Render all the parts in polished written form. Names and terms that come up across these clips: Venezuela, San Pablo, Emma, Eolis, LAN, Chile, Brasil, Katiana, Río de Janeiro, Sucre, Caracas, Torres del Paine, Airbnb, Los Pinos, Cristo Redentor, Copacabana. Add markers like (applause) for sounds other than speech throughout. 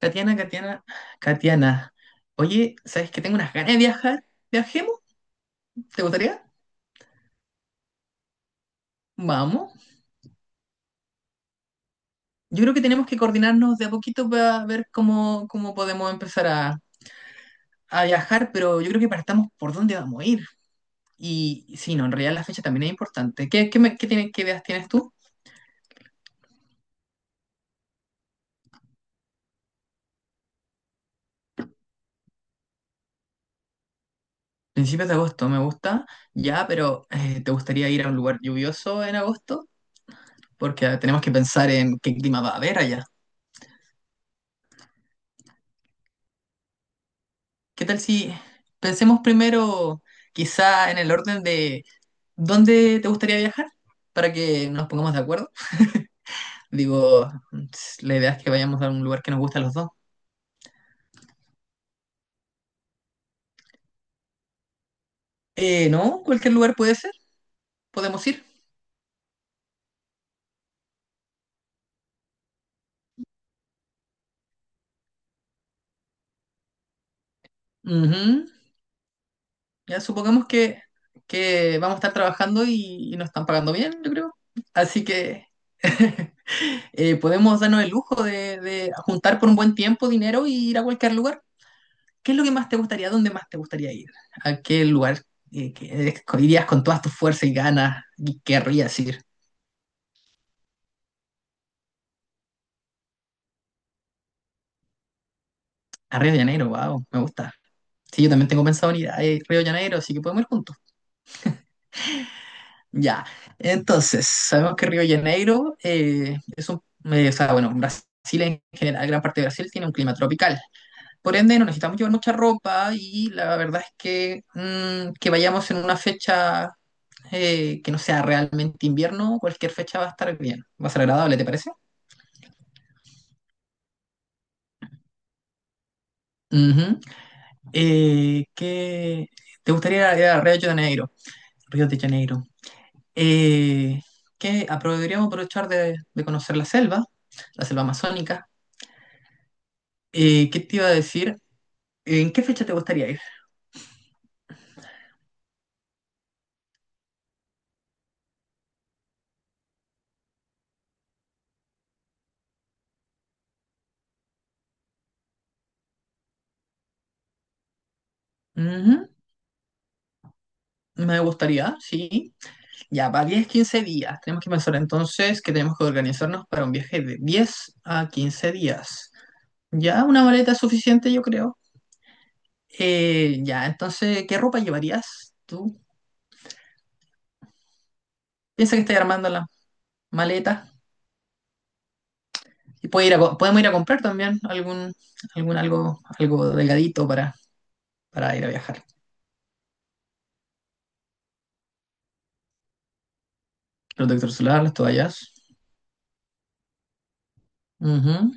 Katiana, Katiana, Katiana. Oye, ¿sabes que tengo unas ganas de viajar? ¿Viajemos? ¿Te gustaría? Vamos. Yo creo que tenemos que coordinarnos de a poquito para ver cómo podemos empezar a viajar, pero yo creo que partamos por dónde vamos a ir. Y sí, no, en realidad la fecha también es importante. ¿Qué ideas tienes tú? Principios de agosto, me gusta. Ya, pero ¿te gustaría ir a un lugar lluvioso en agosto? Porque tenemos que pensar en qué clima va a haber allá. ¿Qué tal si pensemos primero quizá en el orden de dónde te gustaría viajar para que nos pongamos de acuerdo? Digo, la idea es que vayamos a un lugar que nos guste a los dos. No, cualquier lugar puede ser, podemos ir. Ujú. Ya supongamos que vamos a estar trabajando y, nos están pagando bien, yo creo. Así que (laughs) podemos darnos el lujo de juntar por un buen tiempo dinero y ir a cualquier lugar. ¿Qué es lo que más te gustaría? ¿Dónde más te gustaría ir? ¿A qué lugar que irías con todas tus fuerzas y ganas y querrías ir? A Río de Janeiro, wow, me gusta. Sí, yo también tengo pensado en ir a Río de Janeiro, así que podemos ir juntos. Ya, entonces, sabemos que Río de Janeiro o sea, bueno, Brasil en general, gran parte de Brasil tiene un clima tropical. Por ende, no necesitamos llevar mucha ropa y la verdad es que que vayamos en una fecha que no sea realmente invierno, cualquier fecha va a estar bien, va a ser agradable, ¿te parece? Ujú. Eh, ¿qué- ¿Te gustaría ir a Río de Janeiro? Río de Janeiro. Eh, ¿Podríamos aprovechar de conocer la selva amazónica? ¿Qué te iba a decir? ¿En qué fecha te gustaría ir? Ujú. Me gustaría, sí. Ya, para 10 15 días. Tenemos que pensar entonces que tenemos que organizarnos para un viaje de 10 a 15 días. Ya, una maleta es suficiente, yo creo. Ya, entonces, ¿qué ropa llevarías tú? Piensa que estás armando la maleta. Y puede ir a co- Podemos ir a comprar también algo delgadito para ir a viajar. Protector solar, las toallas. Ujú,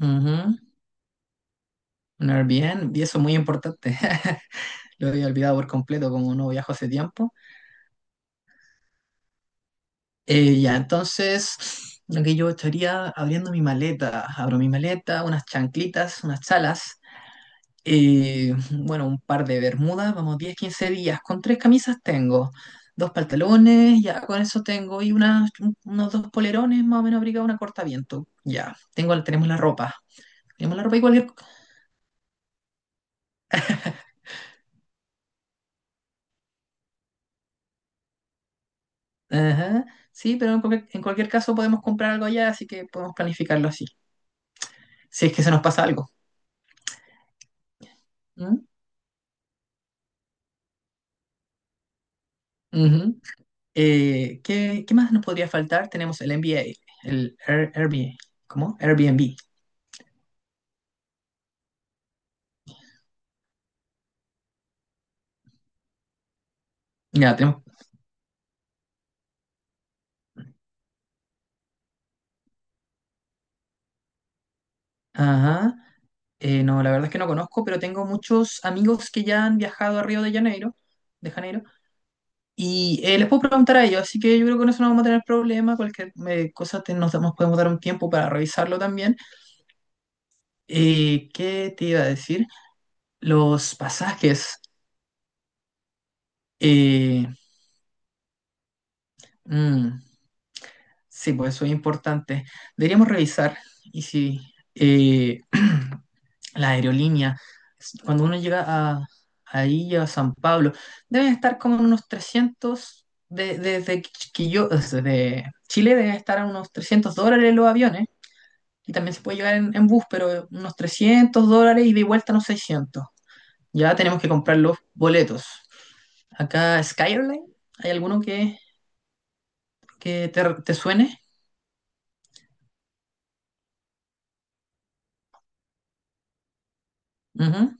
ujú. Un Airbnb, y eso es muy importante. (laughs) Lo había olvidado por completo, como no viajo hace tiempo. Ya, entonces, lo que yo estaría abriendo mi maleta, abro mi maleta, unas chanclitas, unas chalas, bueno, un par de bermudas, vamos, 10 15 días, con tres camisas tengo, dos pantalones, ya con eso tengo, y unos dos polerones más o menos abrigados, una cortaviento, ya, tengo, tenemos la ropa igual que... Ajá, sí, pero en cualquier caso podemos comprar algo allá, así que podemos planificarlo así, si es que se nos pasa algo. ¿Mm? Ujú. ¿Qué más nos podría faltar? Tenemos el MBA, el Airbnb. ¿Cómo? Airbnb. Ya, tenemos. Ajá. No, la verdad es que no conozco, pero tengo muchos amigos que ya han viajado a Río de Janeiro, y les puedo preguntar a ellos, así que yo creo que en eso no vamos a tener problema, cualquier cosa podemos dar un tiempo para revisarlo también. ¿Qué te iba a decir? Los pasajes. eh, mm, Sí, pues eso es importante. Deberíamos revisar y si eh, (clears throat) la aerolínea, cuando uno llega ahí a San Pablo, deben estar como en unos 300 desde Chile deben estar a unos $300 los aviones y también se puede llegar en bus, pero unos $300 y de vuelta unos 600. Ya tenemos que comprar los boletos. Acá Skyline, ¿hay alguno que te suene? Ujú.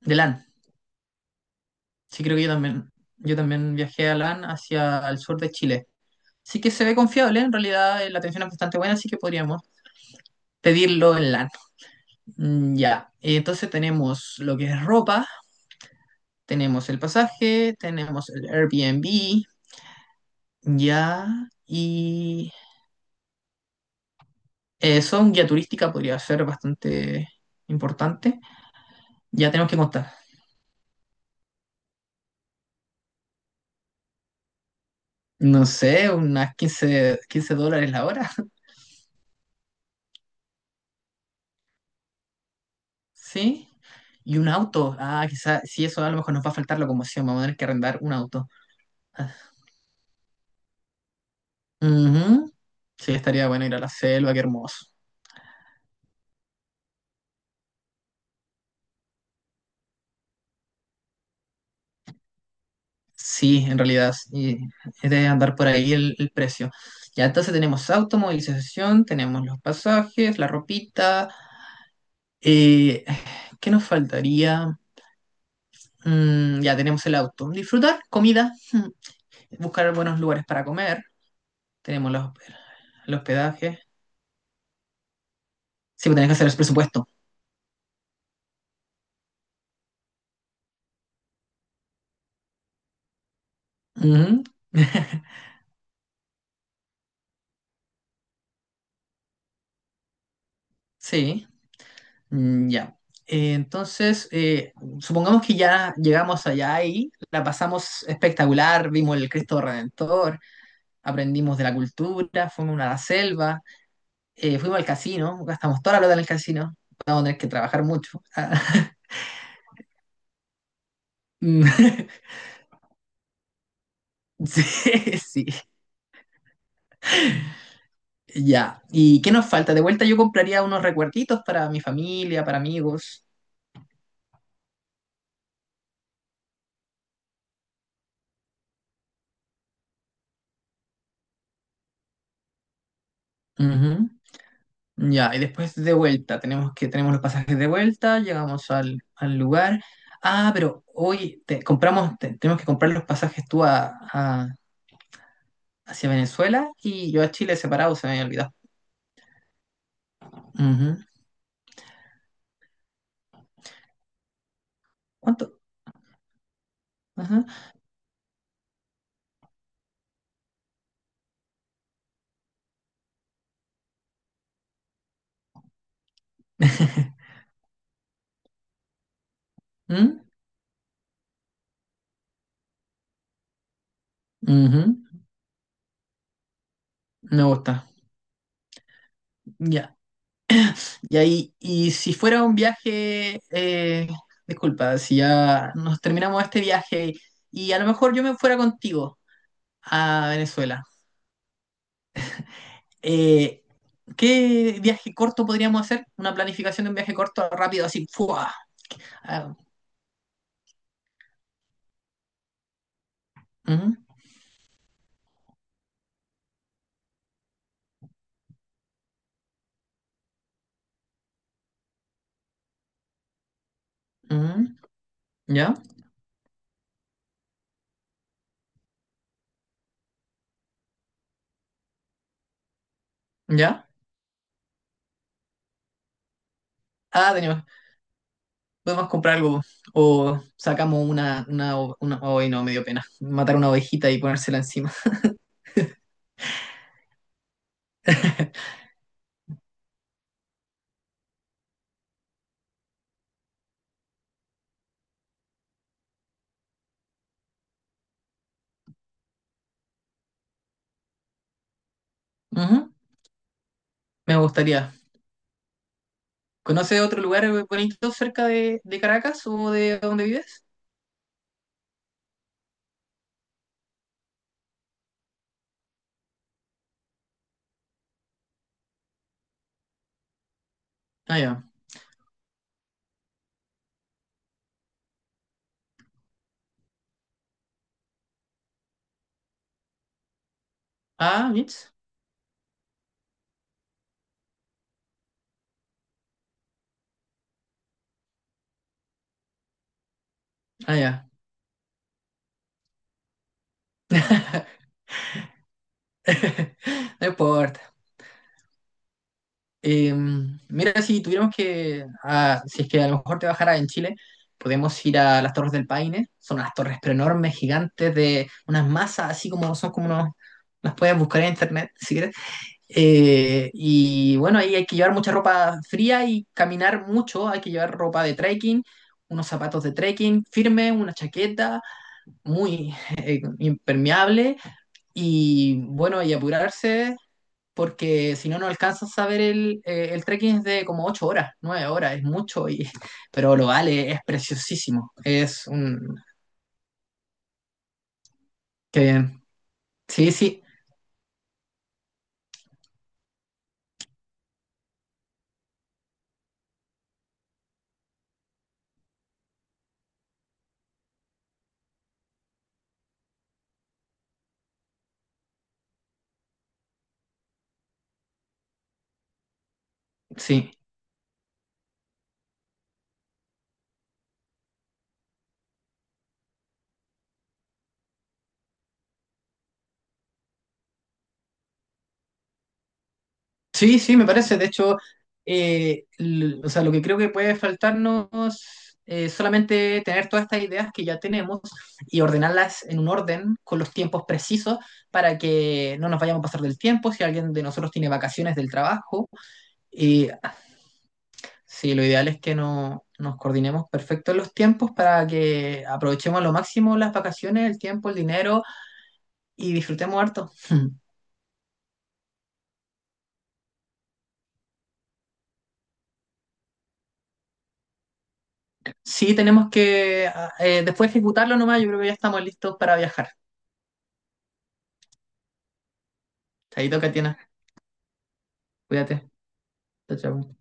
De LAN. Sí, creo que yo también. Yo también viajé a LAN hacia el sur de Chile. Sí que se ve confiable, en realidad la atención es bastante buena, así que podríamos pedirlo en LAN. Mm, ya, y entonces tenemos lo que es ropa, tenemos el pasaje, tenemos el Airbnb, ya, y eso, un guía turística podría ser bastante importante. Ya tenemos que contar, no sé, unas quince dólares la hora. Sí. Y un auto. Ah, quizás, sí, eso a lo mejor nos va a faltar locomoción. Vamos a tener que arrendar un auto. Ah, ujú. Sí, estaría bueno ir a la selva, qué hermoso. Sí, en realidad, y es de andar por ahí el precio. Ya entonces tenemos auto, movilización, tenemos los pasajes, la ropita. eh, ¿Qué nos faltaría? Mm, ya tenemos el auto. Disfrutar, comida, (laughs) buscar buenos lugares para comer. Tenemos el hospedaje. Sí, pues tenés que hacer el presupuesto. Ujú. (laughs) Sí, mm, ya. Entonces, supongamos que ya llegamos allá y la pasamos espectacular, vimos el Cristo Redentor, aprendimos de la cultura, fuimos a la selva, fuimos al casino, gastamos toda la plata en el casino, vamos a tener que trabajar mucho. (laughs) Mm, (laughs) sí, sí, ya. ¿Y qué nos falta? De vuelta yo compraría unos recuerditos para mi familia, para amigos. Ya, y después de vuelta, tenemos los pasajes de vuelta, llegamos al lugar. Ah, pero hoy tenemos que comprar los pasajes tú hacia Venezuela y yo a Chile separado, se me había olvidado. Ujú. ¿Cuánto? Ajá. (laughs) ¿Mm? Ujú. Me gusta. Ya. Y ahí, y si fuera un viaje, disculpa, si ya nos terminamos este viaje y a lo mejor yo me fuera contigo a Venezuela. Eh, ¿Qué viaje corto podríamos hacer? Una planificación de un viaje corto rápido, así. ¡Fua! Ah, ujú, ujú, ¿ya? ¿Ya? Ah, tenemos, podemos comprar algo. O sacamos una, ay, no, me dio pena. Matar una ovejita y ponérsela encima. (laughs) Ujú, me gustaría. ¿Conoce otro lugar bonito cerca de Caracas o de donde vives? Ah, ya. Ah, Mitch. Ah, ya. (laughs) No importa. Mira, si tuviéramos que, si es que a lo mejor te bajara en Chile, podemos ir a las Torres del Paine. Son unas torres pero enormes, gigantes, de unas masas, así como son como unos, las puedes buscar en internet si quieres. Y bueno, ahí hay que llevar mucha ropa fría y caminar mucho. Hay que llevar ropa de trekking, unos zapatos de trekking firme, una chaqueta muy impermeable y bueno, y apurarse porque si no, no alcanzas a ver el trekking es de como 8 horas, 9 horas, es mucho, y, (laughs) pero lo vale, es preciosísimo. Es un... Qué bien. Sí, sí, sí. Sí, sí, me parece. De hecho, o sea, lo que creo que puede faltarnos es solamente tener todas estas ideas que ya tenemos y ordenarlas en un orden con los tiempos precisos para que no nos vayamos a pasar del tiempo. Si alguien de nosotros tiene vacaciones del trabajo, y sí, lo ideal es que no, nos coordinemos perfecto en los tiempos para que aprovechemos a lo máximo las vacaciones, el tiempo, el dinero y disfrutemos harto. (laughs) Sí, tenemos que después ejecutarlo nomás. Yo creo que ya estamos listos para viajar. Chaito, Katiana. Cuídate. Chao, chao.